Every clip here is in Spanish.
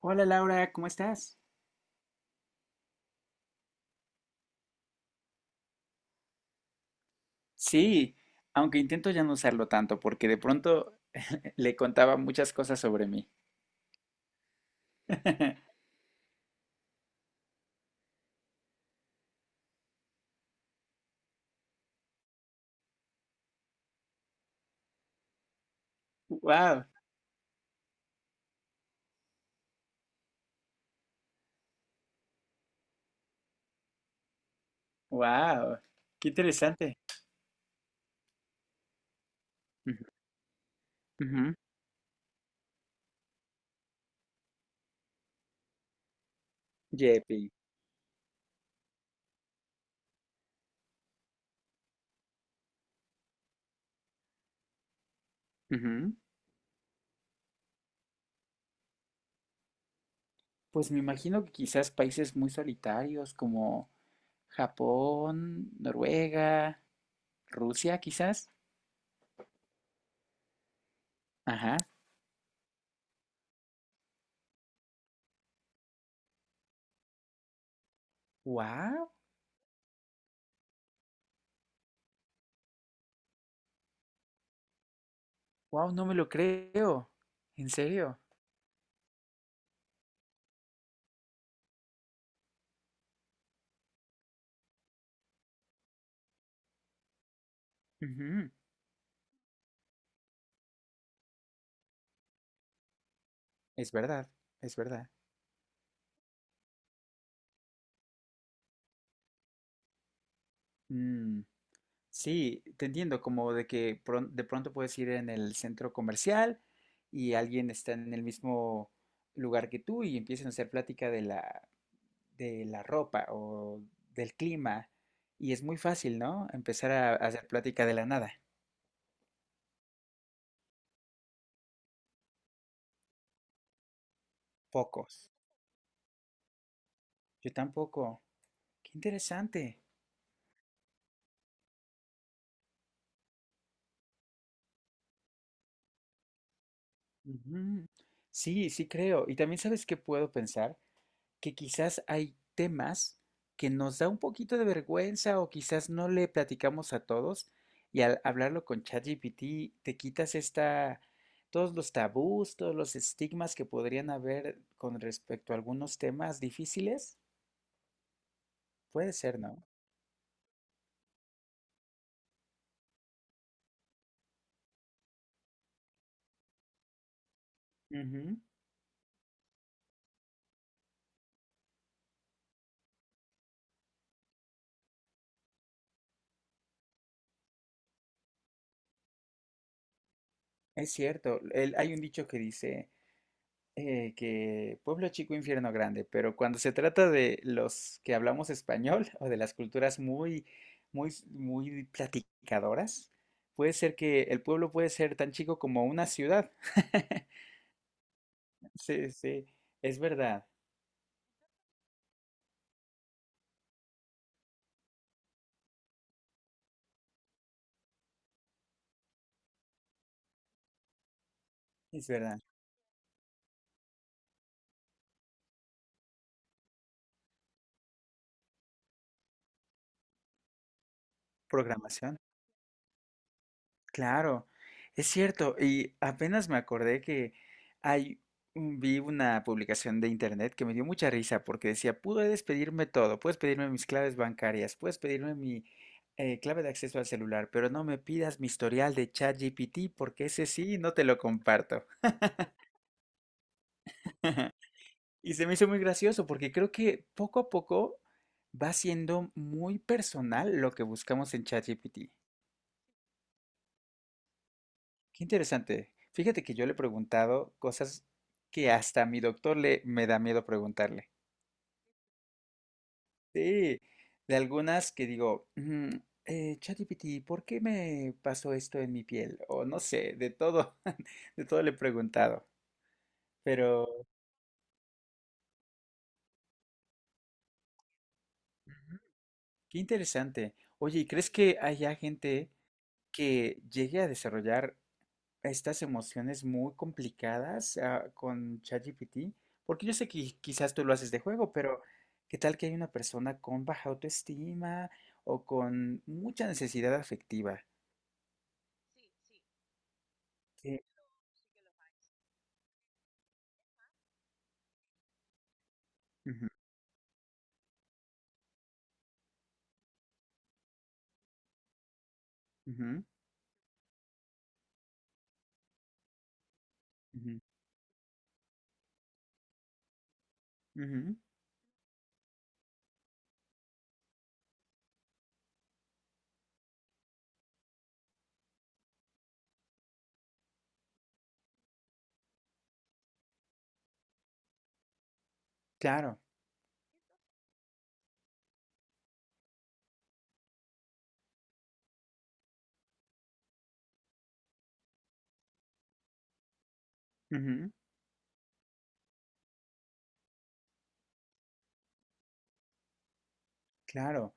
Hola Laura, ¿cómo estás? Sí, aunque intento ya no usarlo tanto porque de pronto le contaba muchas cosas sobre mí. Wow, wow, qué interesante. Ujú, ujú, Yepi. Ujú. Pues me imagino que quizás países muy solitarios como Japón, Noruega, Rusia, quizás. Ajá. Wow, wow, no me lo creo. ¿En serio? Ujú. Es verdad, es verdad. Mm. Sí, te entiendo, como de que de pronto puedes ir en el centro comercial y alguien está en el mismo lugar que tú y empiezan a hacer plática de de la ropa o del clima. Y es muy fácil, ¿no? Empezar a hacer plática de la nada. Pocos. Yo tampoco. Qué interesante. Ujú. Sí, sí creo. Y también sabes qué puedo pensar. Que quizás hay temas que nos da un poquito de vergüenza o quizás no le platicamos a todos y al hablarlo con ChatGPT te quitas esta, todos los tabús, todos los estigmas que podrían haber con respecto a algunos temas difíciles. Puede ser, ¿no? Ujú. Es cierto. Hay un dicho que dice... que pueblo chico, infierno grande, pero cuando se trata de los que hablamos español o de las culturas muy, muy, muy platicadoras, puede ser que el pueblo puede ser tan chico como una ciudad. Sí, sí, es verdad, es verdad. Programación. Claro, es cierto. Y apenas me acordé que hay, vi una publicación de internet que me dio mucha risa porque decía, puedes pedirme todo, puedes pedirme mis claves bancarias, puedes pedirme mi clave de acceso al celular, pero no me pidas mi historial de ChatGPT porque ese sí no te lo comparto. Y se me hizo muy gracioso porque creo que poco a poco va siendo muy personal lo que buscamos en ChatGPT. Qué interesante. Fíjate que yo le he preguntado cosas que hasta a mi doctor le me da miedo preguntarle. Sí, de algunas que digo, "Mm, ChatGPT, ¿por qué me pasó esto en mi piel? O no sé, de todo, de todo le he preguntado. Pero qué interesante. Oye, ¿y crees que haya gente que llegue a desarrollar estas emociones muy complicadas con ChatGPT, porque yo sé que quizás tú lo haces de juego, pero ¿qué tal que hay una persona con baja autoestima o con mucha necesidad afectiva? Que- Ujú, ujú, ujú, ujú, claro, ujú, claro.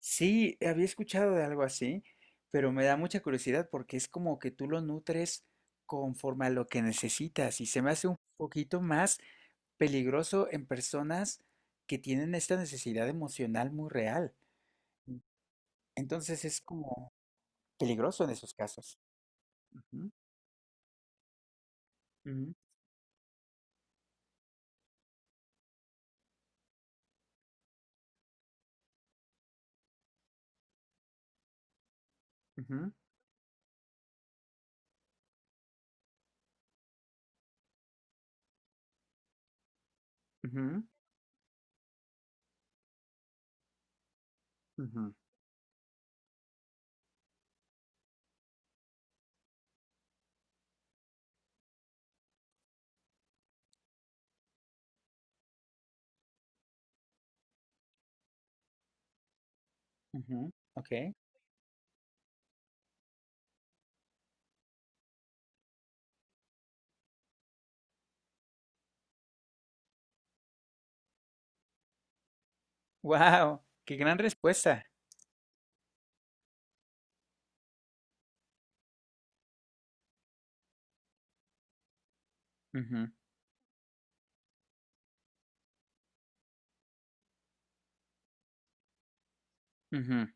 Sí, había escuchado de algo así, pero me da mucha curiosidad porque es como que tú lo nutres conforme a lo que necesitas y se me hace un poquito más peligroso en personas que tienen esta necesidad emocional muy real. Entonces es como peligroso en esos casos. Ujú, ujú, ujú, ujú, ujú, ujú. Ok. Wow, qué gran respuesta. Ujú, ujú.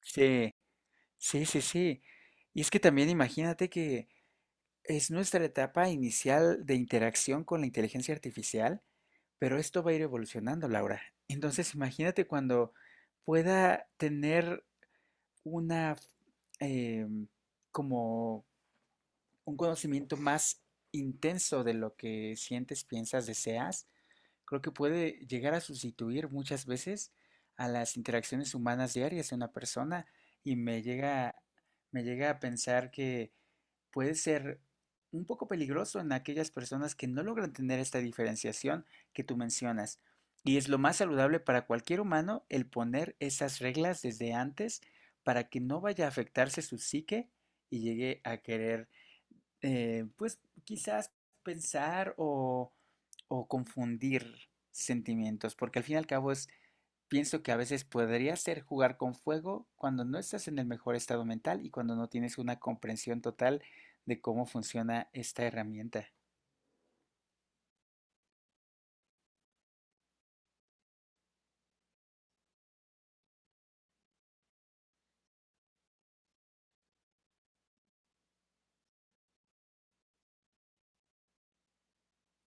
Sí, sí, sí, sí. Y es que también imagínate que es nuestra etapa inicial de interacción con la inteligencia artificial. Pero esto va a ir evolucionando, Laura. Entonces, imagínate cuando pueda tener una eh, como un conocimiento más intenso de lo que sientes, piensas, deseas, creo que puede llegar a sustituir muchas veces a las interacciones humanas diarias de una persona y me llega a pensar que puede ser un poco peligroso en aquellas personas que no logran tener esta diferenciación que tú mencionas. Y es lo más saludable para cualquier humano el poner esas reglas desde antes para que no vaya a afectarse su psique y llegue a querer, pues quizás pensar o confundir sentimientos, porque al fin y al cabo es. Pienso que a veces podría ser jugar con fuego cuando no estás en el mejor estado mental y cuando no tienes una comprensión total de cómo funciona esta herramienta.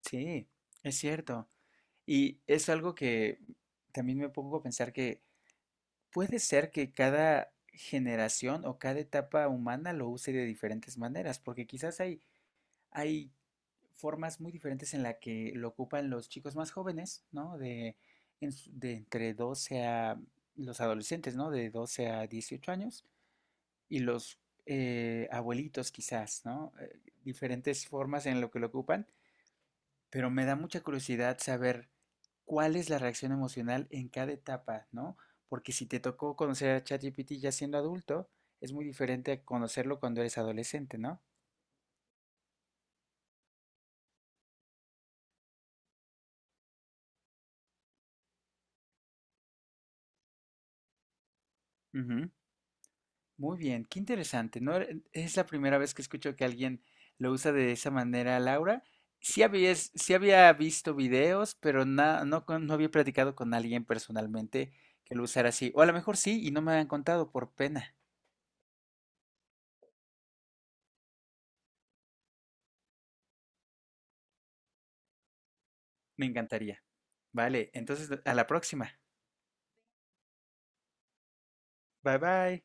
Sí, es cierto. Y es algo que también me pongo a pensar que puede ser que cada generación o cada etapa humana lo use de diferentes maneras, porque quizás hay formas muy diferentes en la que lo ocupan los chicos más jóvenes, ¿no? De, en de entre 12 a los adolescentes, ¿no? De 12 a 18 años y los abuelitos quizás, ¿no? Diferentes formas en lo que lo ocupan, pero me da mucha curiosidad saber cuál es la reacción emocional en cada etapa, ¿no? Porque si te tocó conocer a ChatGPT ya siendo adulto, es muy diferente a conocerlo cuando eres adolescente, no. Ujú. Muy bien, qué interesante, ¿no? Es la primera vez que escucho que alguien lo usa de esa manera, Laura. Sí había visto videos, pero no, no había platicado con alguien personalmente que lo usara así. O a lo mejor sí, y no me habían contado por pena. Me encantaría. Vale, entonces a la próxima. Bye bye.